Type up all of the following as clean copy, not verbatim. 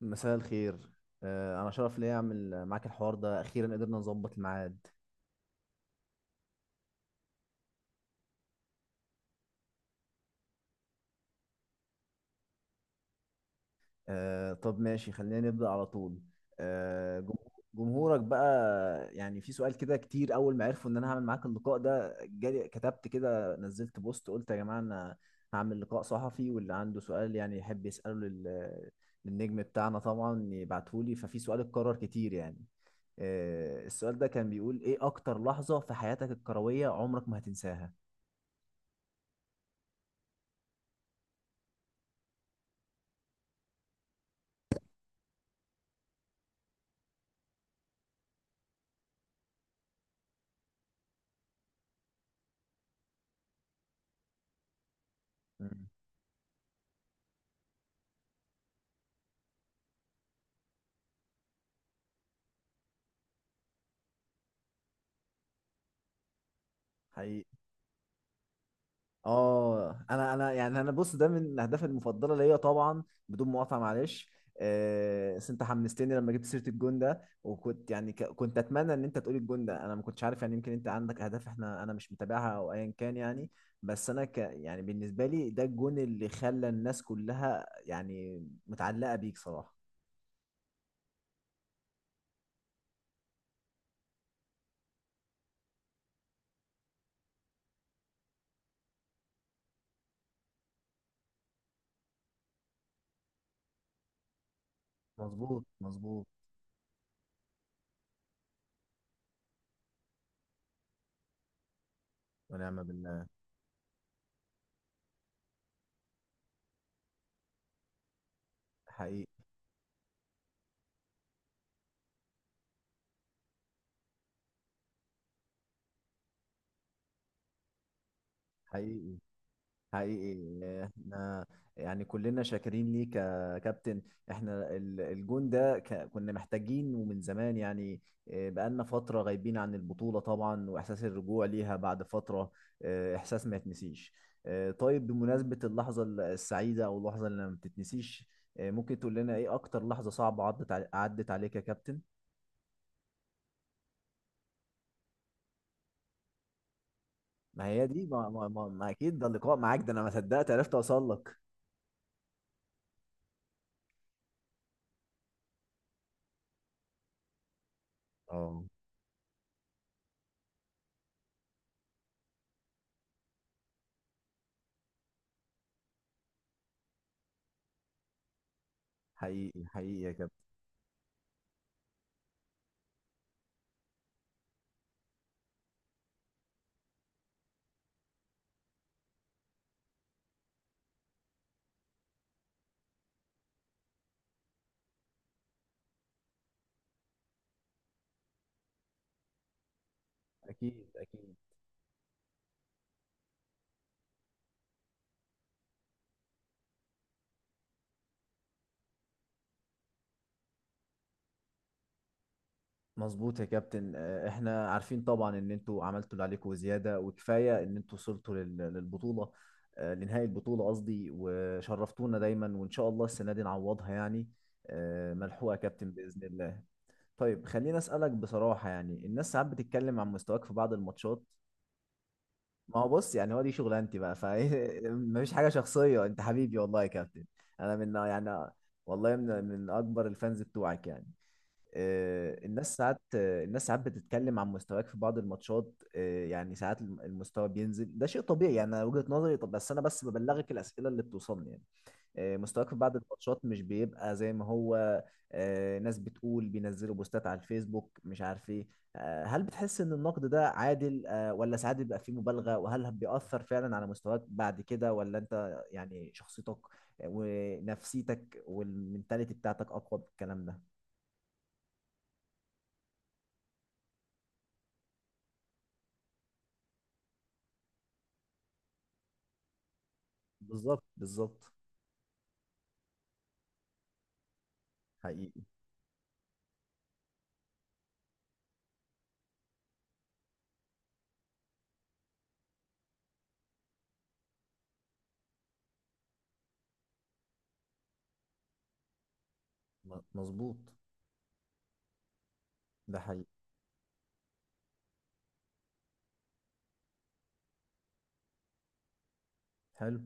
مساء الخير. أنا شرف ليا أعمل معاك الحوار ده، أخيرا قدرنا نظبط الميعاد. طب ماشي، خلينا نبدأ على طول. آه، جم- جمهورك بقى، يعني في سؤال كده كتير. أول ما عرفوا إن أنا هعمل معاك اللقاء ده، جالي، كتبت كده، نزلت بوست، قلت يا جماعة أنا هعمل لقاء صحفي واللي عنده سؤال يعني يحب يسأله للنجم بتاعنا طبعا يبعتهولي. ففي سؤال اتكرر كتير يعني. السؤال ده كان بيقول إيه أكتر لحظة في حياتك الكروية عمرك ما هتنساها؟ مم. حقيقي. اه، انا يعني انا بص، ده من الاهداف المفضله ليا طبعا. بدون مقاطعه معلش، بس انت حمستني لما جبت سيره الجون ده، وكنت يعني كنت اتمنى ان انت تقول الجون ده، انا ما كنتش عارف، يعني يمكن انت عندك اهداف احنا انا مش متابعها او ايا كان يعني. بس انا ك يعني بالنسبه لي ده الجون اللي خلى الناس كلها يعني متعلقه بيك صراحه. مظبوط، مظبوط. ونعم بالله. حقيقي، حقيقي، حقيقي. احنا يعني كلنا شاكرين ليك يا كابتن. احنا الجون ده كنا محتاجين ومن زمان يعني. اه، بقالنا فترة غايبين عن البطولة طبعا، واحساس الرجوع ليها بعد فترة، اه، احساس ما يتنسيش. اه، طيب بمناسبة اللحظة السعيدة او اللحظة اللي ما بتتنسيش، اه، ممكن تقول لنا ايه اكتر لحظة صعبة عدت عدت عليك يا كابتن؟ ما هي دي ما اكيد، ده اللقاء معاك ده انا ما صدقت عرفت اوصل لك. اه. حقيقي، حقيقي يا كابتن. اكيد اكيد. مظبوط يا كابتن. احنا عارفين طبعا ان انتوا عملتوا اللي عليكم وزياده، وكفايه ان انتوا وصلتوا للبطوله، لنهائي البطوله قصدي، وشرفتونا دايما، وان شاء الله السنه دي نعوضها يعني. ملحوقه يا كابتن باذن الله. طيب خليني اسالك بصراحه، يعني الناس ساعات بتتكلم عن مستواك في بعض الماتشات. ما هو بص، يعني هو دي شغلانتي بقى، فمفيش حاجه شخصيه، انت حبيبي والله يا كابتن. انا من يعني، والله من اكبر الفانز بتوعك يعني. الناس ساعات، الناس ساعات بتتكلم عن مستواك في بعض الماتشات. يعني ساعات المستوى بينزل، ده شيء طبيعي يعني، أنا وجهة نظري. طب بس انا بس ببلغك الاسئله اللي بتوصلني يعني. مستواك في بعض الماتشات مش بيبقى زي ما هو. ناس بتقول، بينزلوا بوستات على الفيسبوك، مش عارف ايه. هل بتحس ان النقد ده عادل، ولا ساعات بيبقى فيه مبالغه؟ وهل بيأثر فعلا على مستواك بعد كده، ولا انت يعني شخصيتك ونفسيتك والمنتاليتي بتاعتك اقوى بالكلام ده؟ بالظبط، بالظبط. حقيقي. مظبوط. ده حقيقي. حلو.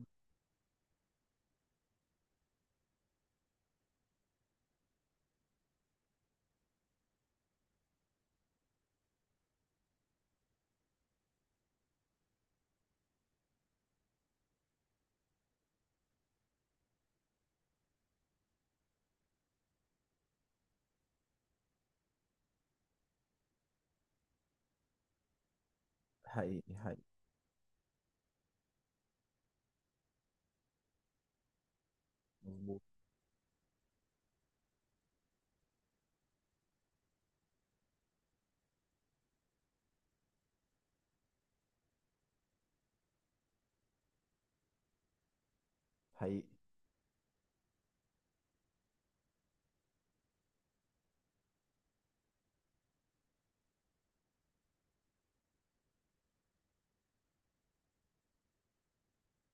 حقيقي. حقيقي. مظبوط. حقيقي.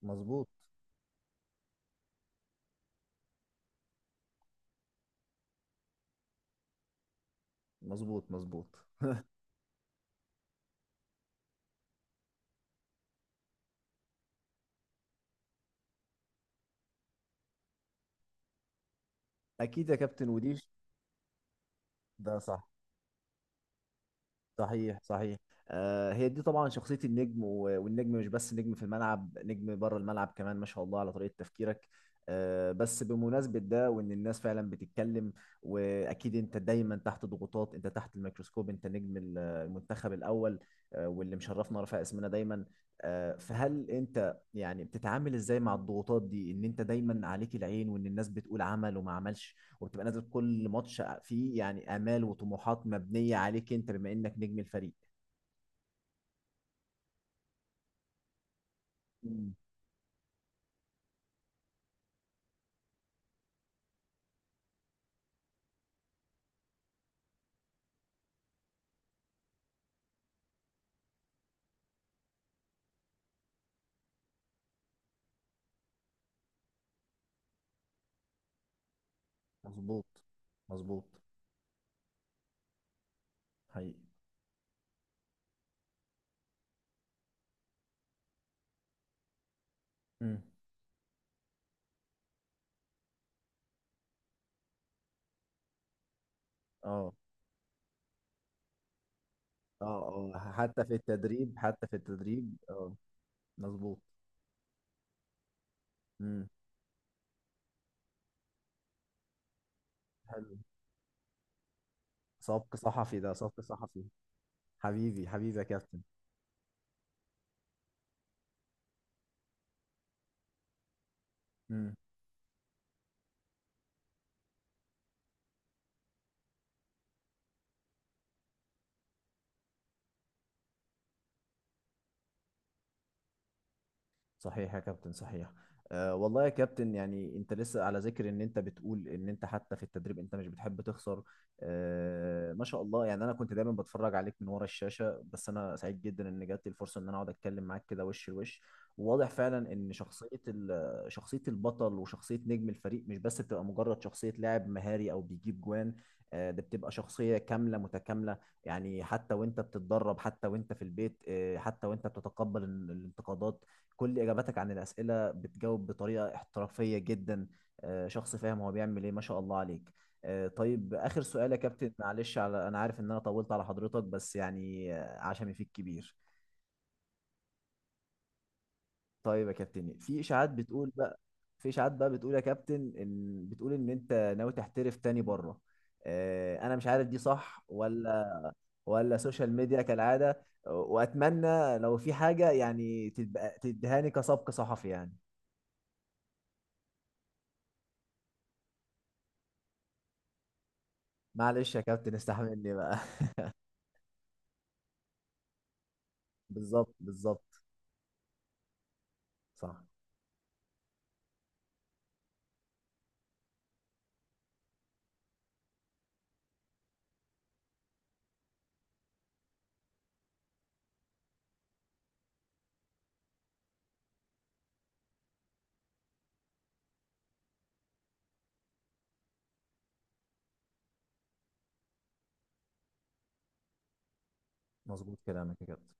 مظبوط. مظبوط. مظبوط. اكيد يا كابتن وديش. ده صح. صحيح، صحيح. هي دي طبعا شخصية النجم، والنجم مش بس نجم في الملعب، نجم بره الملعب كمان. ما شاء الله على طريقة تفكيرك. بس بمناسبة ده، وإن الناس فعلا بتتكلم، وأكيد أنت دايما تحت ضغوطات، أنت تحت الميكروسكوب، أنت نجم المنتخب الأول، واللي مشرفنا رافع اسمنا دايما. فهل أنت يعني بتتعامل إزاي مع الضغوطات دي، إن أنت دايما عليك العين، وإن الناس بتقول عمل وما عملش، وبتبقى نازل كل ماتش فيه يعني امال وطموحات مبنيه عليك انت بما انك نجم الفريق؟ مم. مظبوط، مظبوط. حقيقي. مم. اه، اه. اه، حتى في التدريب، حتى في التدريب. اه، مظبوط. مم. حلو. سبق صحفي، ده سبق صحفي. حبيبي، حبيبي يا كابتن. مم. صحيح يا كابتن، صحيح. أه والله يا كابتن، يعني انت لسه على ذكر ان انت بتقول ان انت حتى في التدريب انت مش بتحب تخسر. أه ما شاء الله، يعني انا كنت دايما بتفرج عليك من ورا الشاشة، بس انا سعيد جدا ان جات لي الفرصة ان انا اقعد اتكلم معاك كده وش لوش. وواضح فعلا ان شخصية شخصية البطل وشخصية نجم الفريق مش بس بتبقى مجرد شخصية لاعب مهاري او بيجيب جوان، ده بتبقى شخصية كاملة متكاملة، يعني حتى وانت بتتدرب، حتى وانت في البيت، حتى وانت بتتقبل الانتقادات، كل اجاباتك عن الاسئله بتجاوب بطريقه احترافيه جدا. شخص فاهم هو بيعمل ايه، ما شاء الله عليك. طيب اخر سؤال يا كابتن معلش، على انا عارف ان انا طولت على حضرتك، بس يعني عشمي فيك كبير. طيب يا كابتن، في اشاعات بقى بتقول يا كابتن ان، بتقول ان انت ناوي تحترف تاني بره، انا مش عارف دي صح ولا، ولا سوشيال ميديا كالعاده، واتمنى لو في حاجه يعني تبقى تدهاني كسبق صحفي يعني. معلش يا كابتن استحملني بقى. بالظبط، بالظبط. صح. مظبوط كلامك يا كابتن.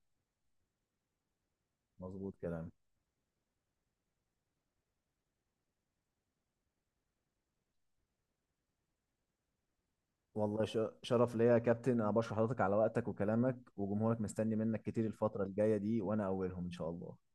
مظبوط كلامك. والله شرف ليا يا كابتن، انا بشكر حضرتك على وقتك وكلامك وجمهورك، مستني منك كتير الفترة الجاية دي، وانا اولهم ان شاء الله.